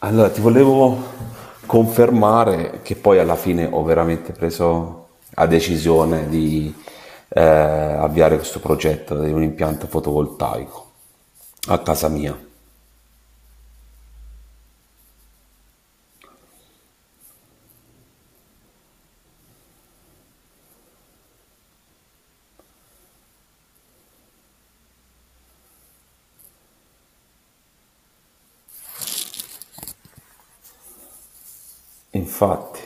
Allora, ti volevo confermare che poi alla fine ho veramente preso la decisione di avviare questo progetto di un impianto fotovoltaico a casa mia. Infatti,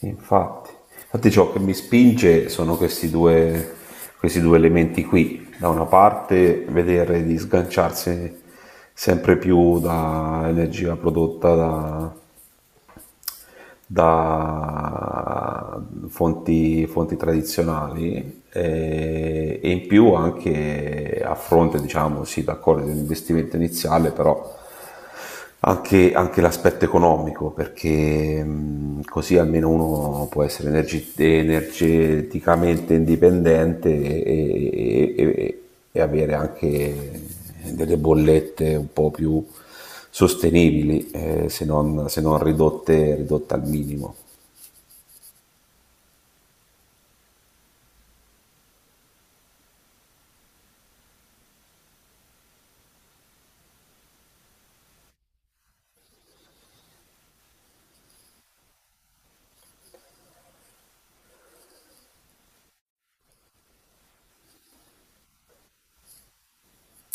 infatti, infatti ciò che mi spinge sono questi due elementi qui. Da una parte vedere di sganciarsi sempre più da energia prodotta da fonti tradizionali, e in più anche a fronte, diciamo, sì, d'accordo, di un investimento iniziale, però anche l'aspetto economico, perché così almeno uno può essere energeticamente indipendente e avere anche delle bollette un po' più sostenibili, se non ridotte, ridotte al minimo.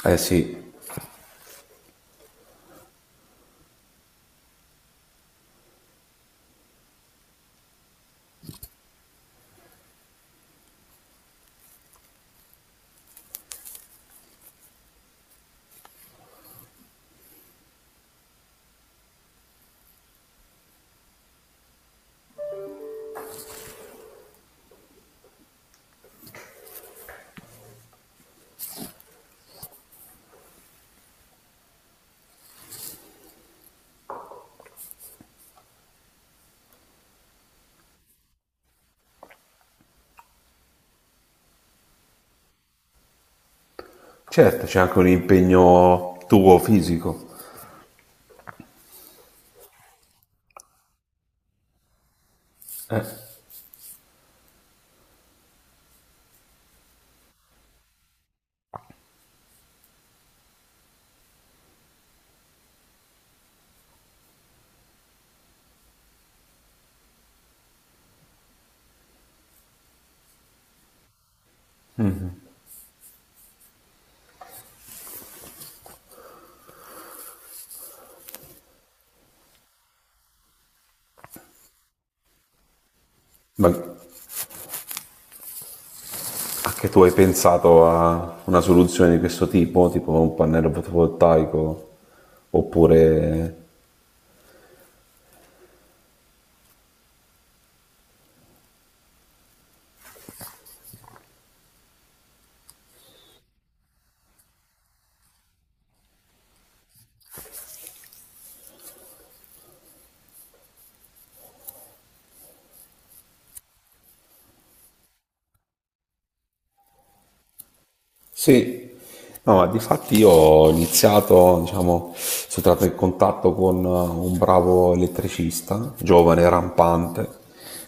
Eh sì, certo, c'è anche un impegno tuo fisico, ma anche tu hai pensato a una soluzione di questo tipo, tipo un pannello fotovoltaico, oppure? Sì, no, difatti io ho iniziato, diciamo, sono entrato in contatto con, un bravo elettricista, giovane, rampante,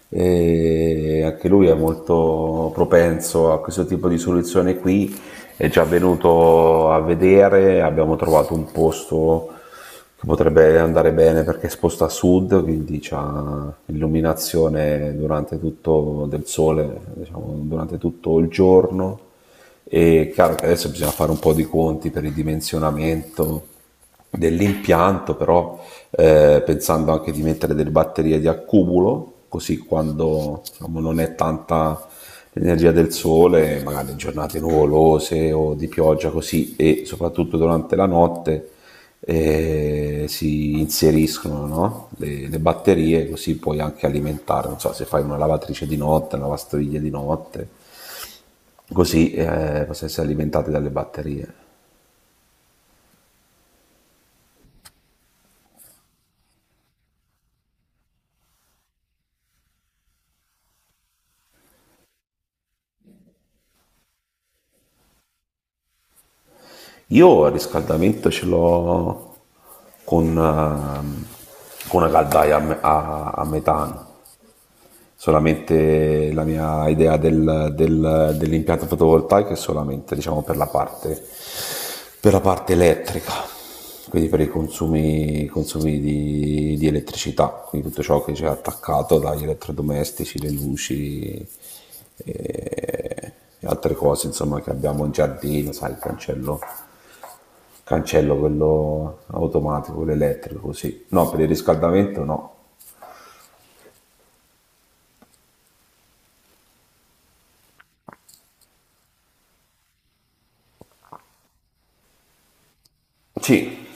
e anche lui è molto propenso a questo tipo di soluzione qui, è già venuto a vedere, abbiamo trovato un posto, potrebbe andare bene perché è esposta a sud, quindi c'ha illuminazione durante tutto del sole, diciamo, durante tutto il giorno. E chiaro che adesso bisogna fare un po' di conti per il dimensionamento dell'impianto, però, pensando anche di mettere delle batterie di accumulo, così quando, diciamo, non è tanta l'energia del sole, magari in giornate nuvolose o di pioggia così, e soprattutto durante la notte e si inseriscono, no? Le batterie, così puoi anche alimentare, non so, se fai una lavatrice di notte, una lavastoviglie di notte, così, possono essere alimentate dalle batterie. Io il riscaldamento ce l'ho con una caldaia a, a metano, solamente la mia idea dell'impianto fotovoltaico è solamente, diciamo, per, per la parte elettrica, quindi per i consumi di elettricità, quindi tutto ciò che c'è attaccato dagli elettrodomestici, le luci e, e altre cose insomma, che abbiamo in giardino, sai, il cancello. Cancello quello automatico, quello elettrico, sì. No, per il riscaldamento no. Sì,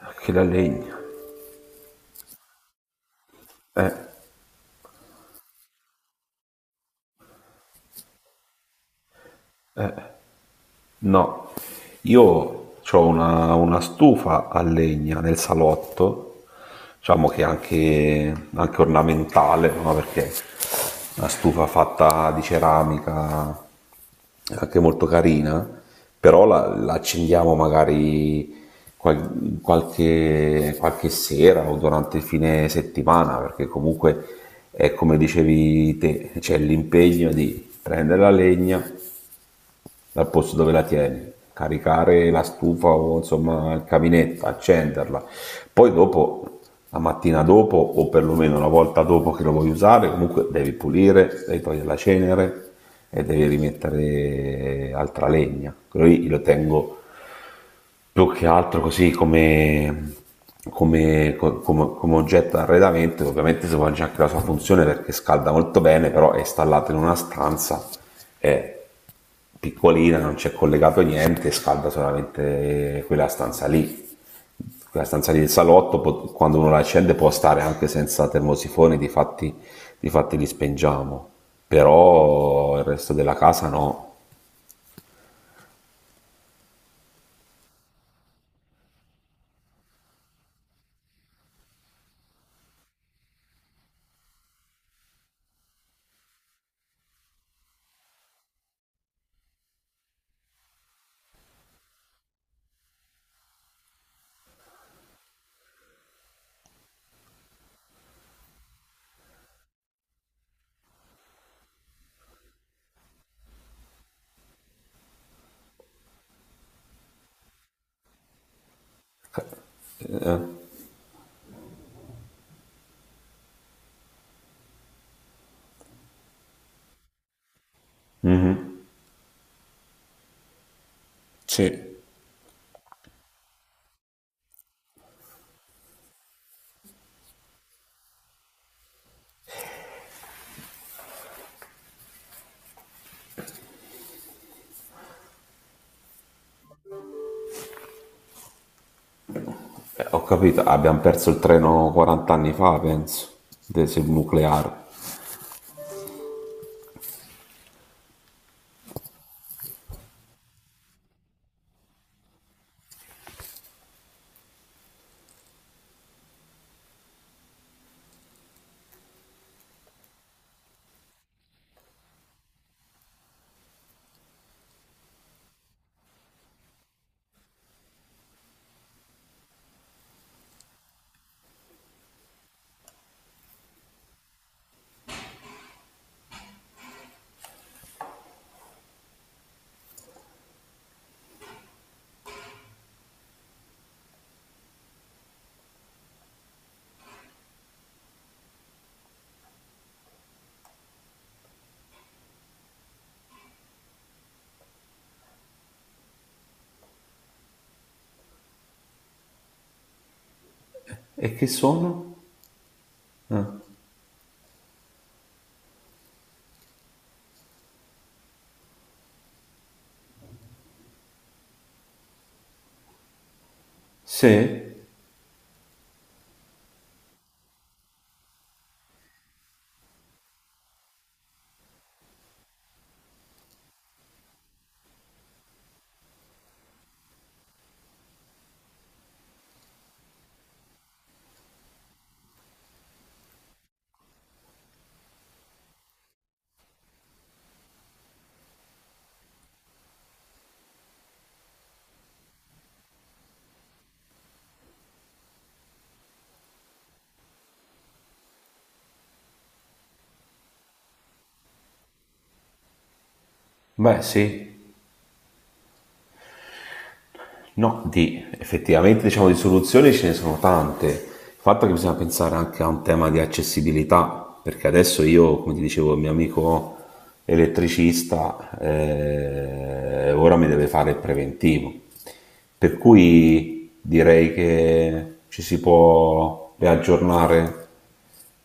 anche la legna. Eh, eh, No, io ho una stufa a legna nel salotto, diciamo che è anche, anche ornamentale, no? Perché è una stufa fatta di ceramica, è anche molto carina, però la, la accendiamo magari qualche, qualche sera o durante il fine settimana, perché comunque è come dicevi te, c'è l'impegno di prendere la legna, dal posto dove la tieni, caricare la stufa o insomma il caminetto, accenderla. Poi dopo, la mattina dopo o perlomeno una volta dopo che lo vuoi usare, comunque devi pulire, devi togliere la cenere e devi rimettere altra legna. Quello lì lo tengo più che altro così come, come, come oggetto d'arredamento, ovviamente si può anche la sua funzione perché scalda molto bene, però è installato in una stanza, è piccolina, non c'è collegato niente, scalda solamente quella stanza lì. Quella stanza lì del salotto, quando uno la accende può stare anche senza termosifone, difatti, difatti li spengiamo, però il resto della casa no. Eh? Sì. Ho capito, abbiamo perso il treno 40 anni fa, penso, del sul nucleare. E che sono? Se? Beh, sì. No, di, effettivamente diciamo di soluzioni ce ne sono tante. Il fatto è che bisogna pensare anche a un tema di accessibilità, perché adesso io, come ti dicevo, il mio amico elettricista, ora mi deve fare il preventivo. Per cui direi che ci si può riaggiornare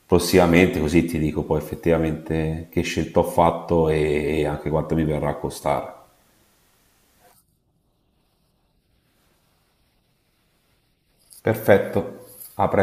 prossimamente, così ti dico poi effettivamente che scelta ho fatto e anche quanto mi verrà a costare. Perfetto, a presto.